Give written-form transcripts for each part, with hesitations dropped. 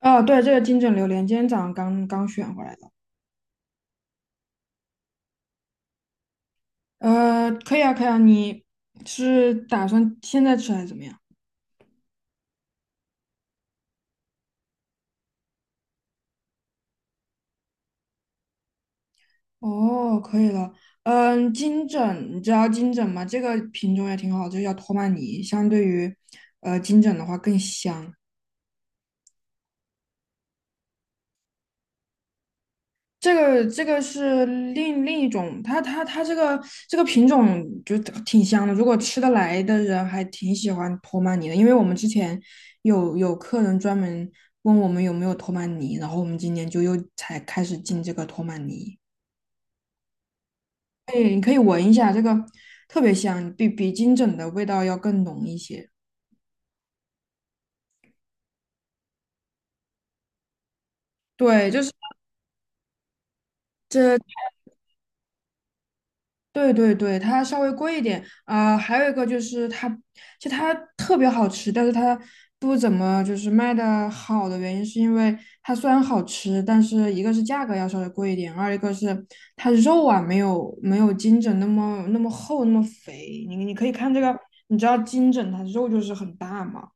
哦，对，这个金枕榴莲今天早上刚刚选回来的。可以啊，可以啊，你是打算现在吃还是怎么样？哦，可以了。嗯，金枕，你知道金枕吗？这个品种也挺好，就个叫托曼尼，相对于金枕的话更香。这个是另一种，它这个品种就挺香的，如果吃得来的人还挺喜欢托曼尼的，因为我们之前有客人专门问我们有没有托曼尼，然后我们今年就又才开始进这个托曼尼。哎，你可以闻一下，这个特别香，比金枕的味道要更浓一些。对，就是。这。对对对，它稍微贵一点啊、还有一个就是它，就它特别好吃，但是它不怎么就是卖的好的原因，是因为它虽然好吃，但是一个是价格要稍微贵一点，二一个是它肉啊没有金枕那么厚那么肥。你可以看这个，你知道金枕它肉就是很大嘛。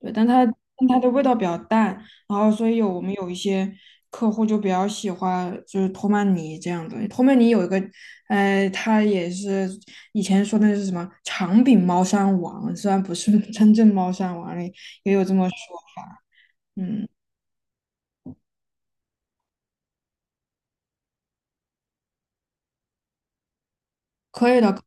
对，但它的味道比较淡，然后所以我们有一些客户就比较喜欢就是托曼尼这样的。托曼尼有一个，呃，它也是以前说那是什么长柄猫山王，虽然不是 真正猫山王，也有这么说法。嗯，可以的。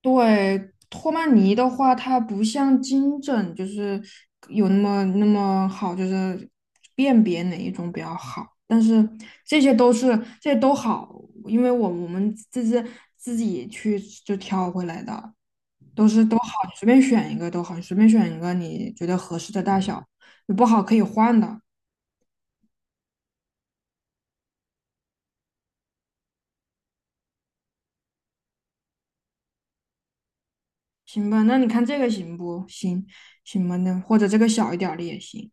对，托曼尼的话，它不像金枕，就是有那么好，就是辨别哪一种比较好。但是这些都好，因为我们这是自己去就挑回来的，都好，你随便选一个都好，你随便选一个你觉得合适的大小，你不好可以换的，行吧？那你看这个行不行？行吧，那或者这个小一点儿的也行。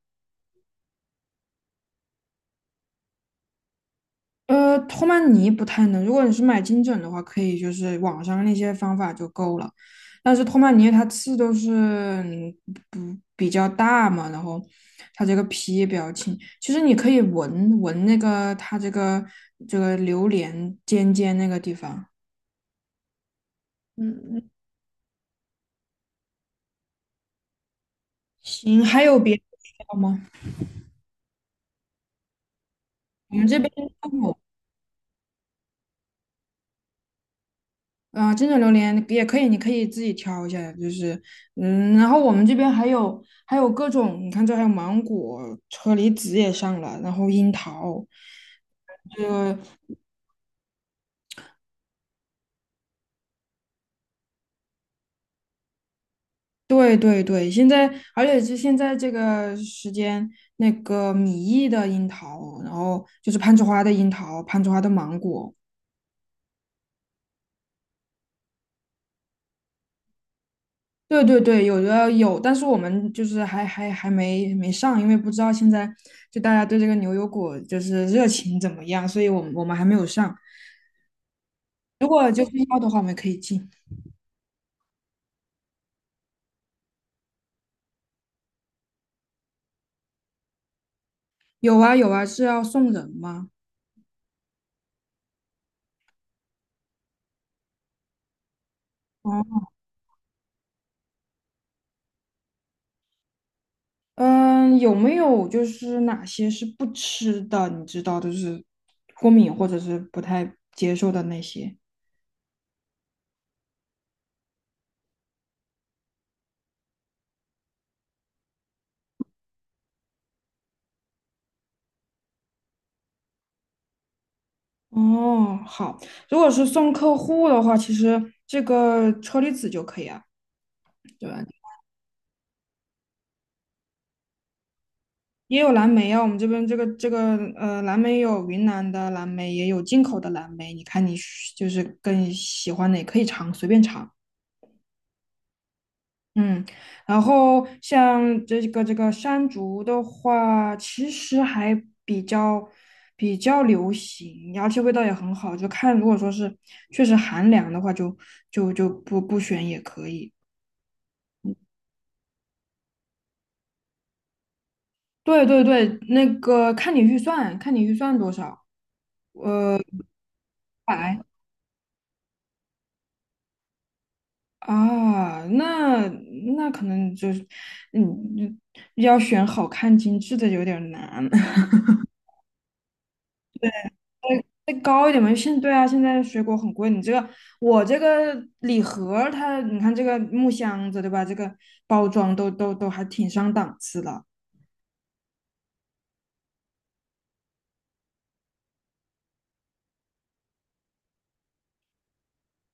托曼尼不太能。如果你是买金枕的话，可以就是网上那些方法就够了。但是托曼尼它刺都是不比较大嘛，然后它这个皮也比较轻。其实你可以闻闻那个它这个这个榴莲尖尖那个地方。嗯，嗯，行，还有别的需要吗？我们这边啊、真的榴莲也可以，你可以自己挑一下，就是，嗯，然后我们这边还有各种，你看这还有芒果、车厘子也上了，然后樱桃，这个对对对，现在而且是现在这个时间，那个米易的樱桃，然后就是攀枝花的樱桃、攀枝花的芒果，对对对，有的有，但是我们就是还没上，因为不知道现在就大家对这个牛油果就是热情怎么样，所以我们还没有上。如果就是要的话，我们可以进。有啊有啊，是要送人吗？哦，嗯，有没有就是哪些是不吃的？你知道，就是过敏或者是不太接受的那些。哦，好，如果是送客户的话，其实这个车厘子就可以啊。对吧？也有蓝莓啊，我们这边这个蓝莓有云南的蓝莓，也有进口的蓝莓。你看就是更喜欢哪，可以尝，随便尝。嗯，然后像这个山竹的话，其实还比较比较流行，而且味道也很好。就看如果说是确实寒凉的话就不选也可以。对对对，那个看你预算，看你预算多少，呃，百。啊，那那可能就是，嗯，要选好看精致的有点儿难，再高一点嘛。对啊，现在水果很贵，你这个我这个礼盒儿它，你看这个木箱子对吧？这个包装都还挺上档次的。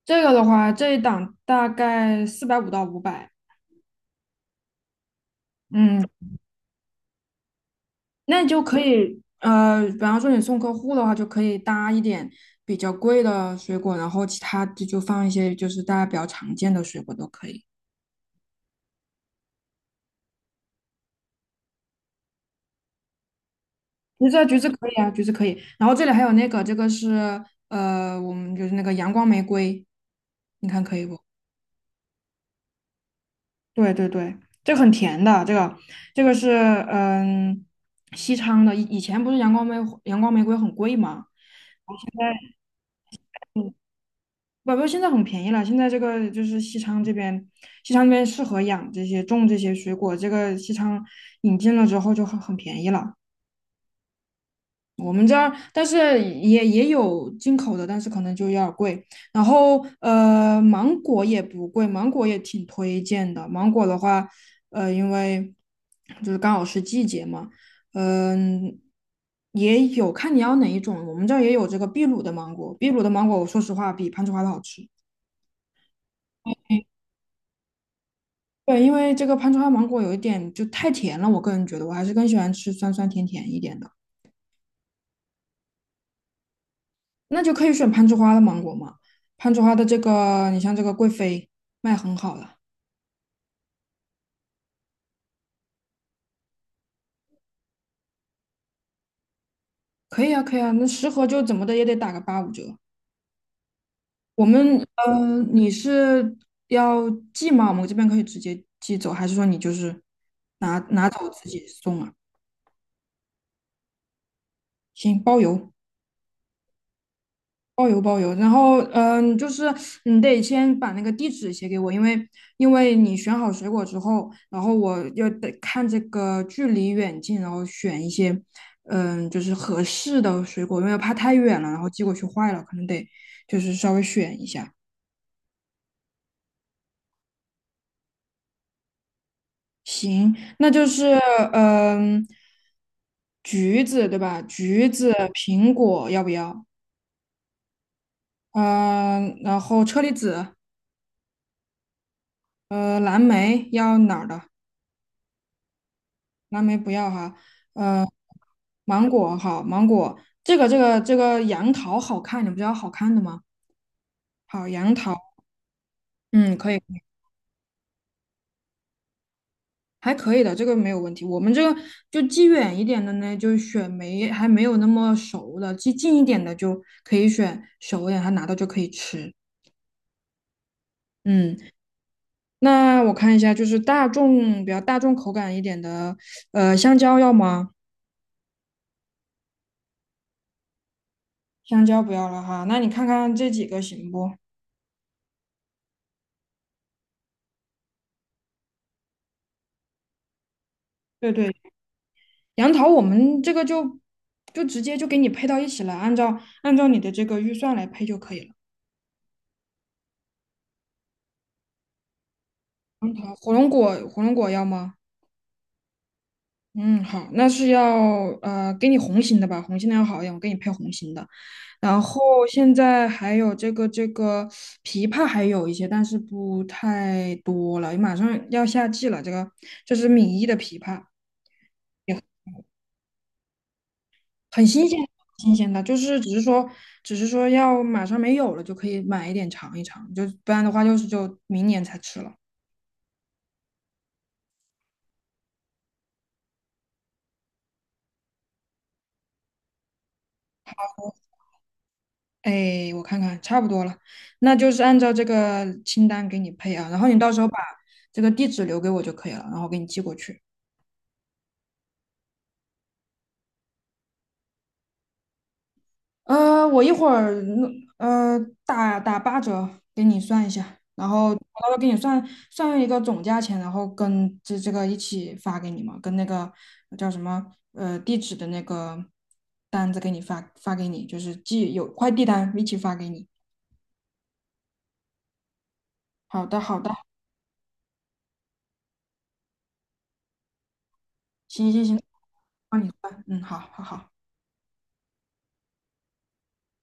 这个的话，这一档大概450到500，嗯，那你就可以，比方说你送客户的话，就可以搭一点比较贵的水果，然后其他的就放一些就是大家比较常见的水果都可以。橘子啊，橘子可以啊，橘子可以。然后这里还有那个，这个是我们就是那个阳光玫瑰，你看可以不？对对对，这个很甜的，这个这个是西昌的，以前不是阳光玫瑰很贵吗？嗯，宝宝现在很便宜了。现在这个就是西昌这边，西昌那边适合养这些、种这些水果。这个西昌引进了之后就很便宜了。我们这儿，但是也有进口的，但是可能就有点儿贵。然后芒果也不贵，芒果也挺推荐的。芒果的话，因为就是刚好是季节嘛，嗯、也有看你要哪一种。我们这儿也有这个秘鲁的芒果，秘鲁的芒果，我说实话比攀枝花的好吃。对，因为这个攀枝花芒果有一点就太甜了，我个人觉得我还是更喜欢吃酸酸甜甜一点的。那就可以选攀枝花的芒果嘛，攀枝花的这个，你像这个贵妃卖很好了，可以啊，可以啊，那10盒就怎么的也得打个85折。我们你是要寄吗？我们这边可以直接寄走，还是说你就是拿走自己送啊？行，包邮。包邮包邮，然后嗯，就是你得先把那个地址写给我，因为你选好水果之后，然后我要得看这个距离远近，然后选一些嗯就是合适的水果，因为怕太远了，然后寄过去坏了，可能得就是稍微选一下。行，那就是嗯橘子对吧？橘子、苹果要不要？嗯、然后车厘子、蓝莓要哪儿的？蓝莓不要哈，呃，芒果好，芒果这个这个杨桃好看，你不是要好看的吗？好，杨桃，嗯，可以，还可以的，这个没有问题。我们这个寄远一点的呢，就选没还没有那么熟的，寄近一点的就可以选熟一点，它拿到就可以吃。嗯，那我看一下，就是大众比较大众口感一点的，呃，香蕉要吗？香蕉不要了哈，那你看看这几个行不？对对。杨桃，我们这个就就直接就给你配到一起了，按照你的这个预算来配就可以了。杨桃，火龙果，火龙果要吗？嗯，好，那是要给你红心的吧，红心的要好一点，我给你配红心的。然后现在还有这个枇杷还有一些，但是不太多了，马上要夏季了，这个这是米一的枇杷。很新鲜，新鲜的，就是只是说，只是说要马上没有了就可以买一点尝一尝，就不然的话就是就明年才吃了。哎，我看看，差不多了，那就是按照这个清单给你配啊，然后你到时候把这个地址留给我就可以了，然后给你寄过去。我一会儿弄呃打8折给你算一下，然后我到时候给你算一个总价钱，然后跟这个一起发给你嘛，跟那个叫什么地址的那个单子给你发给你，就是寄有快递单一起发给你。好的，好的，行行行，帮你算，嗯，好好好。